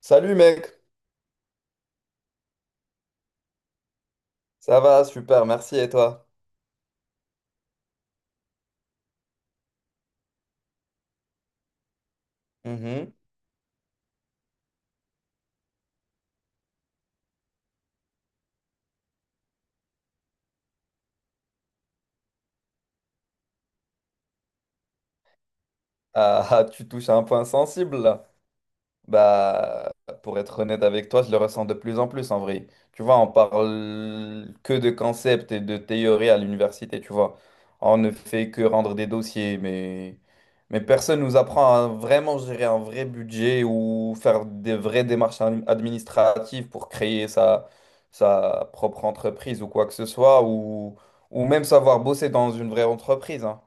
Salut mec, ça va, super, merci et toi? Mhm. Ah, tu touches à un point sensible là. Bah, pour être honnête avec toi, je le ressens de plus en plus en vrai. Tu vois, on parle que de concepts et de théories à l'université, tu vois. On ne fait que rendre des dossiers, mais personne nous apprend à vraiment gérer un vrai budget ou faire des vraies administratives pour créer sa propre entreprise ou quoi que ce soit, ou même savoir bosser dans une vraie entreprise, hein.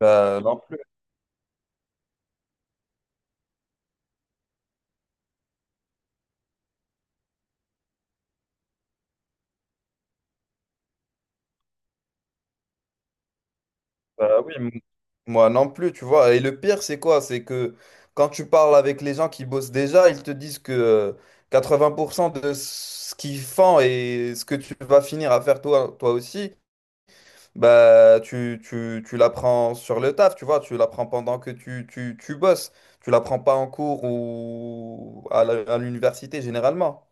Bah, non plus. Bah oui, moi non plus, tu vois. Et le pire, c'est quoi? C'est que quand tu parles avec les gens qui bossent déjà, ils te disent que 80% de ce qu'ils font et ce que tu vas finir à faire toi, toi aussi, bah tu l'apprends sur le taf, tu vois. Tu l'apprends pendant que tu bosses. Tu l'apprends pas en cours ou à l'université généralement.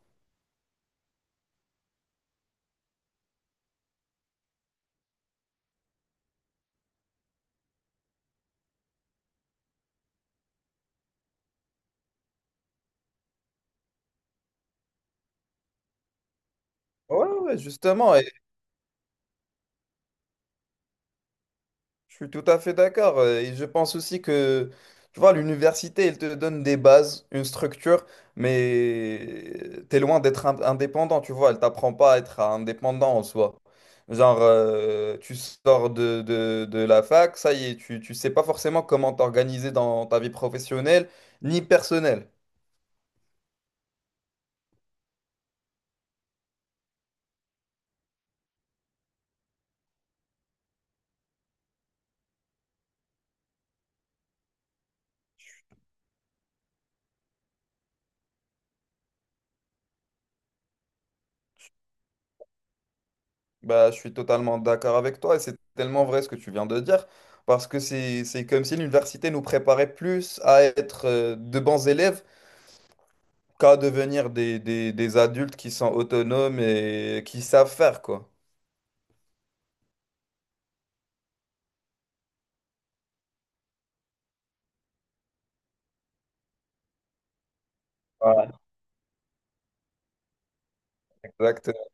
Ouais, justement. Je suis tout à fait d'accord. Et je pense aussi que, tu vois, l'université, elle te donne des bases, une structure, mais t'es loin d'être ind- indépendant, tu vois. Elle t'apprend pas à être indépendant en soi. Genre, tu sors de la fac, ça y est, tu sais pas forcément comment t'organiser dans ta vie professionnelle ni personnelle. Bah, je suis totalement d'accord avec toi et c'est tellement vrai ce que tu viens de dire. Parce que c'est comme si l'université nous préparait plus à être de bons élèves qu'à devenir des adultes qui sont autonomes et qui savent faire, quoi. Voilà, exactement.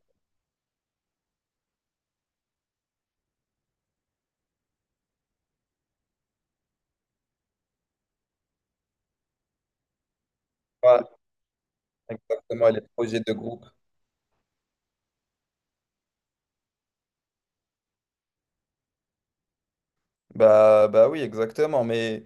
Voilà, exactement, et les projets de groupe. Bah oui, exactement. Mais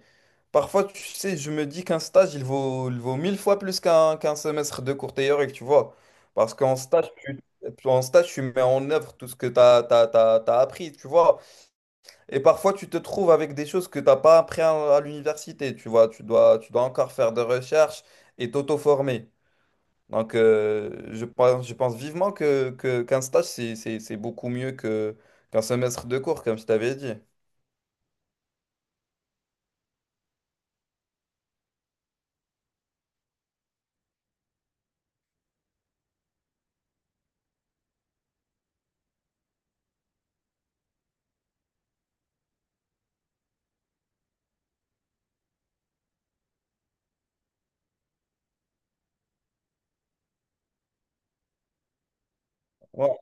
parfois, tu sais, je me dis qu'un stage, il vaut mille fois plus qu'un semestre de cours théorique, tu vois. Parce qu'en stage, tu, En stage, tu mets en œuvre tout ce que tu as, t'as, t'as, t'as- t'as appris, tu vois. Et parfois, tu te trouves avec des choses que tu n'as pas appris à l'université, tu vois. Tu dois encore faire des recherches et t'auto-former. Donc, je pense, vivement qu'un stage, c'est beaucoup mieux qu'un semestre de cours, comme je t'avais dit. Ouais.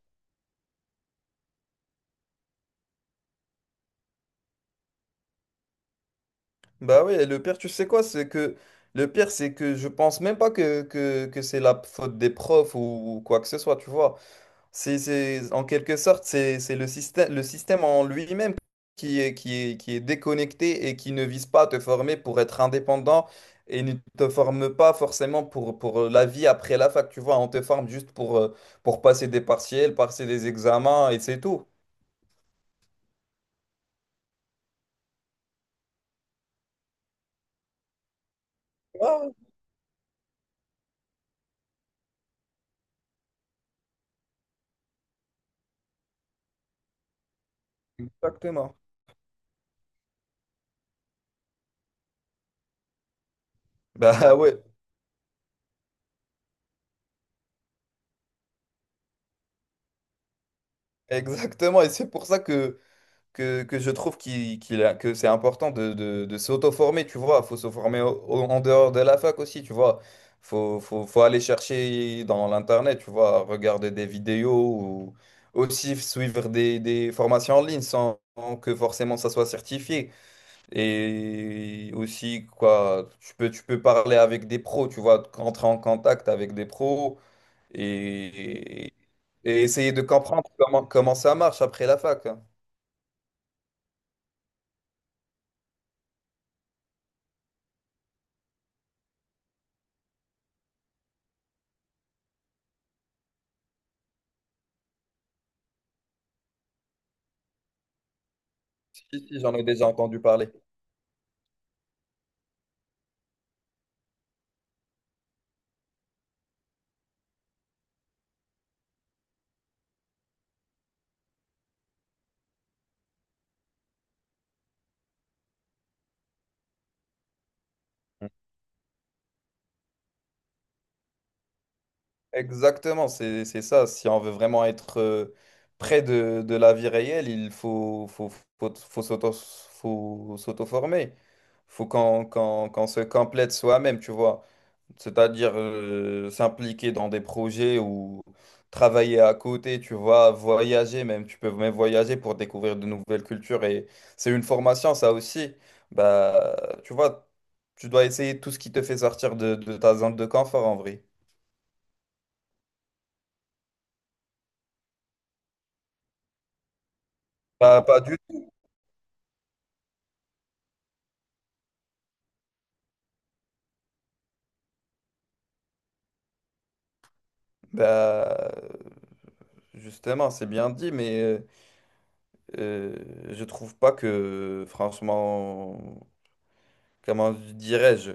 Bah oui, et le pire, tu sais quoi, c'est que le pire, c'est que je pense même pas que c'est la faute des profs ou quoi que ce soit, tu vois. En quelque sorte, c'est le système en lui-même qui est déconnecté et qui ne vise pas à te former pour être indépendant et ne te forme pas forcément pour la vie après la fac. Tu vois, on te forme juste pour passer des partiels, passer des examens et c'est tout. Ouais, exactement. Bah ouais, exactement. Et c'est pour ça que je trouve que c'est important de s'auto-former, tu vois. Faut se former en dehors de la fac aussi, tu vois. Faut aller chercher dans l'Internet, tu vois, regarder des vidéos ou aussi suivre des formations en ligne sans que forcément ça soit certifié. Et aussi, quoi, tu peux parler avec des pros, tu vois, rentrer en contact avec des pros et, et essayer de comprendre comment ça marche après la fac. Si, si, j'en ai déjà entendu parler. Exactement, c'est ça. Si on veut vraiment être près de la vie réelle, il faut, faut, faut, faut faut s'auto-former. Faut qu'on qu'on se complète soi-même, tu vois. C'est-à-dire s'impliquer dans des projets ou travailler à côté, tu vois, voyager même, tu peux même voyager pour découvrir de nouvelles cultures et c'est une formation ça aussi. Bah, Tu vois, tu dois essayer tout ce qui te fait sortir de ta zone de confort en vrai. Pas, pas du tout. Bah, Justement, c'est bien dit, mais je trouve pas que, franchement, comment dirais-je?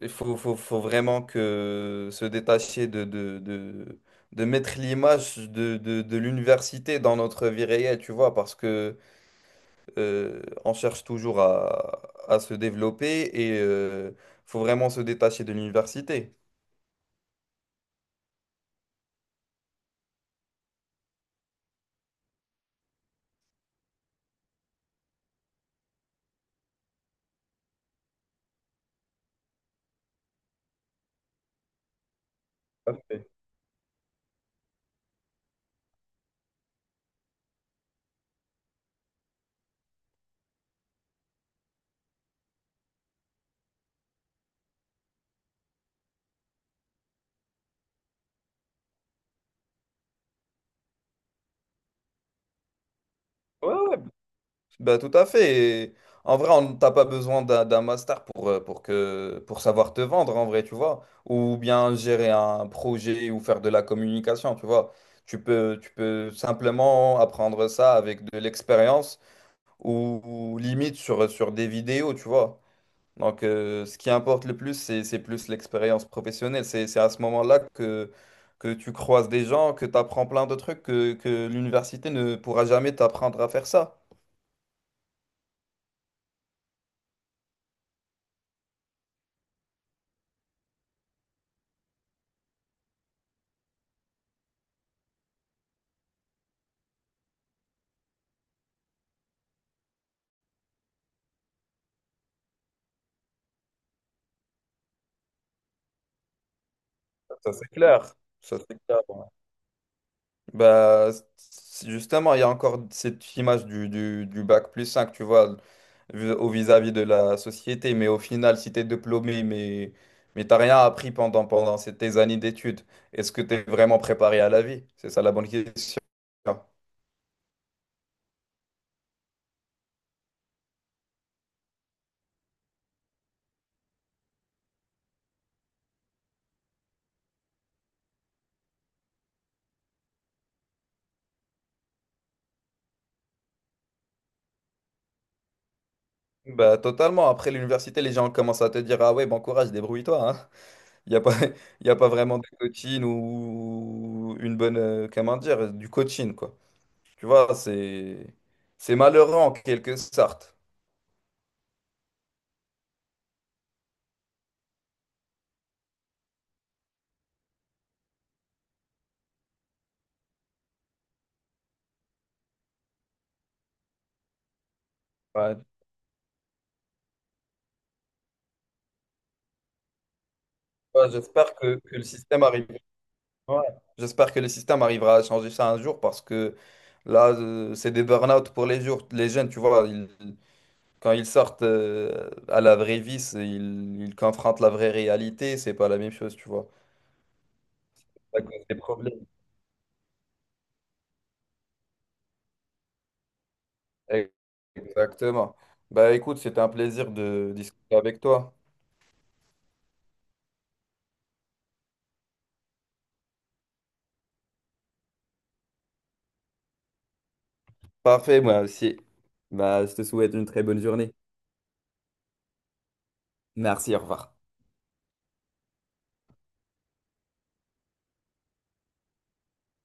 Faut vraiment que se détacher de mettre l'image de l'université dans notre vie réelle, tu vois, parce que on cherche toujours à se développer et faut vraiment se détacher de l'université. Parfait. Ouais, bah, tout à fait. Et en vrai, on t'as pas besoin d'un master pour pour savoir te vendre, en vrai, tu vois. Ou bien gérer un projet ou faire de la communication, tu vois. Tu peux simplement apprendre ça avec de l'expérience ou limite sur des vidéos, tu vois. Donc, ce qui importe le plus, c'est plus l'expérience professionnelle. C'est à ce moment-là que tu croises des gens, que tu apprends plein de trucs que l'université ne pourra jamais t'apprendre à faire ça. Ça, c'est clair. Ça, c'est clair. Ouais. Bah, Justement, il y a encore cette image du bac plus 5, tu vois, au vis-à-vis de la société. Mais au final, si tu es diplômé, mais t'as rien appris pendant tes années d'études, est-ce que tu es vraiment préparé à la vie? C'est ça la bonne question. Bah, totalement. Après l'université, les gens commencent à te dire, ah ouais, bon courage, débrouille-toi, hein. Il n'y a pas, il y a pas vraiment de coaching ou une bonne, comment dire, du coaching, quoi. Tu vois, c'est malheureux en quelque sorte. Ouais, tu vois, j'espère que le système arrive. Ouais, j'espère que le système arrivera à changer ça un jour parce que là, c'est des burn-out pour les jours. Les jeunes, tu vois, quand ils sortent à la vraie vie, ils confrontent la vraie réalité. C'est pas la même chose, tu vois. Ça cause des problèmes. Exactement. Bah écoute, c'était un plaisir de discuter avec toi. Parfait, moi aussi. Bah, je te souhaite une très bonne journée. Merci, au revoir.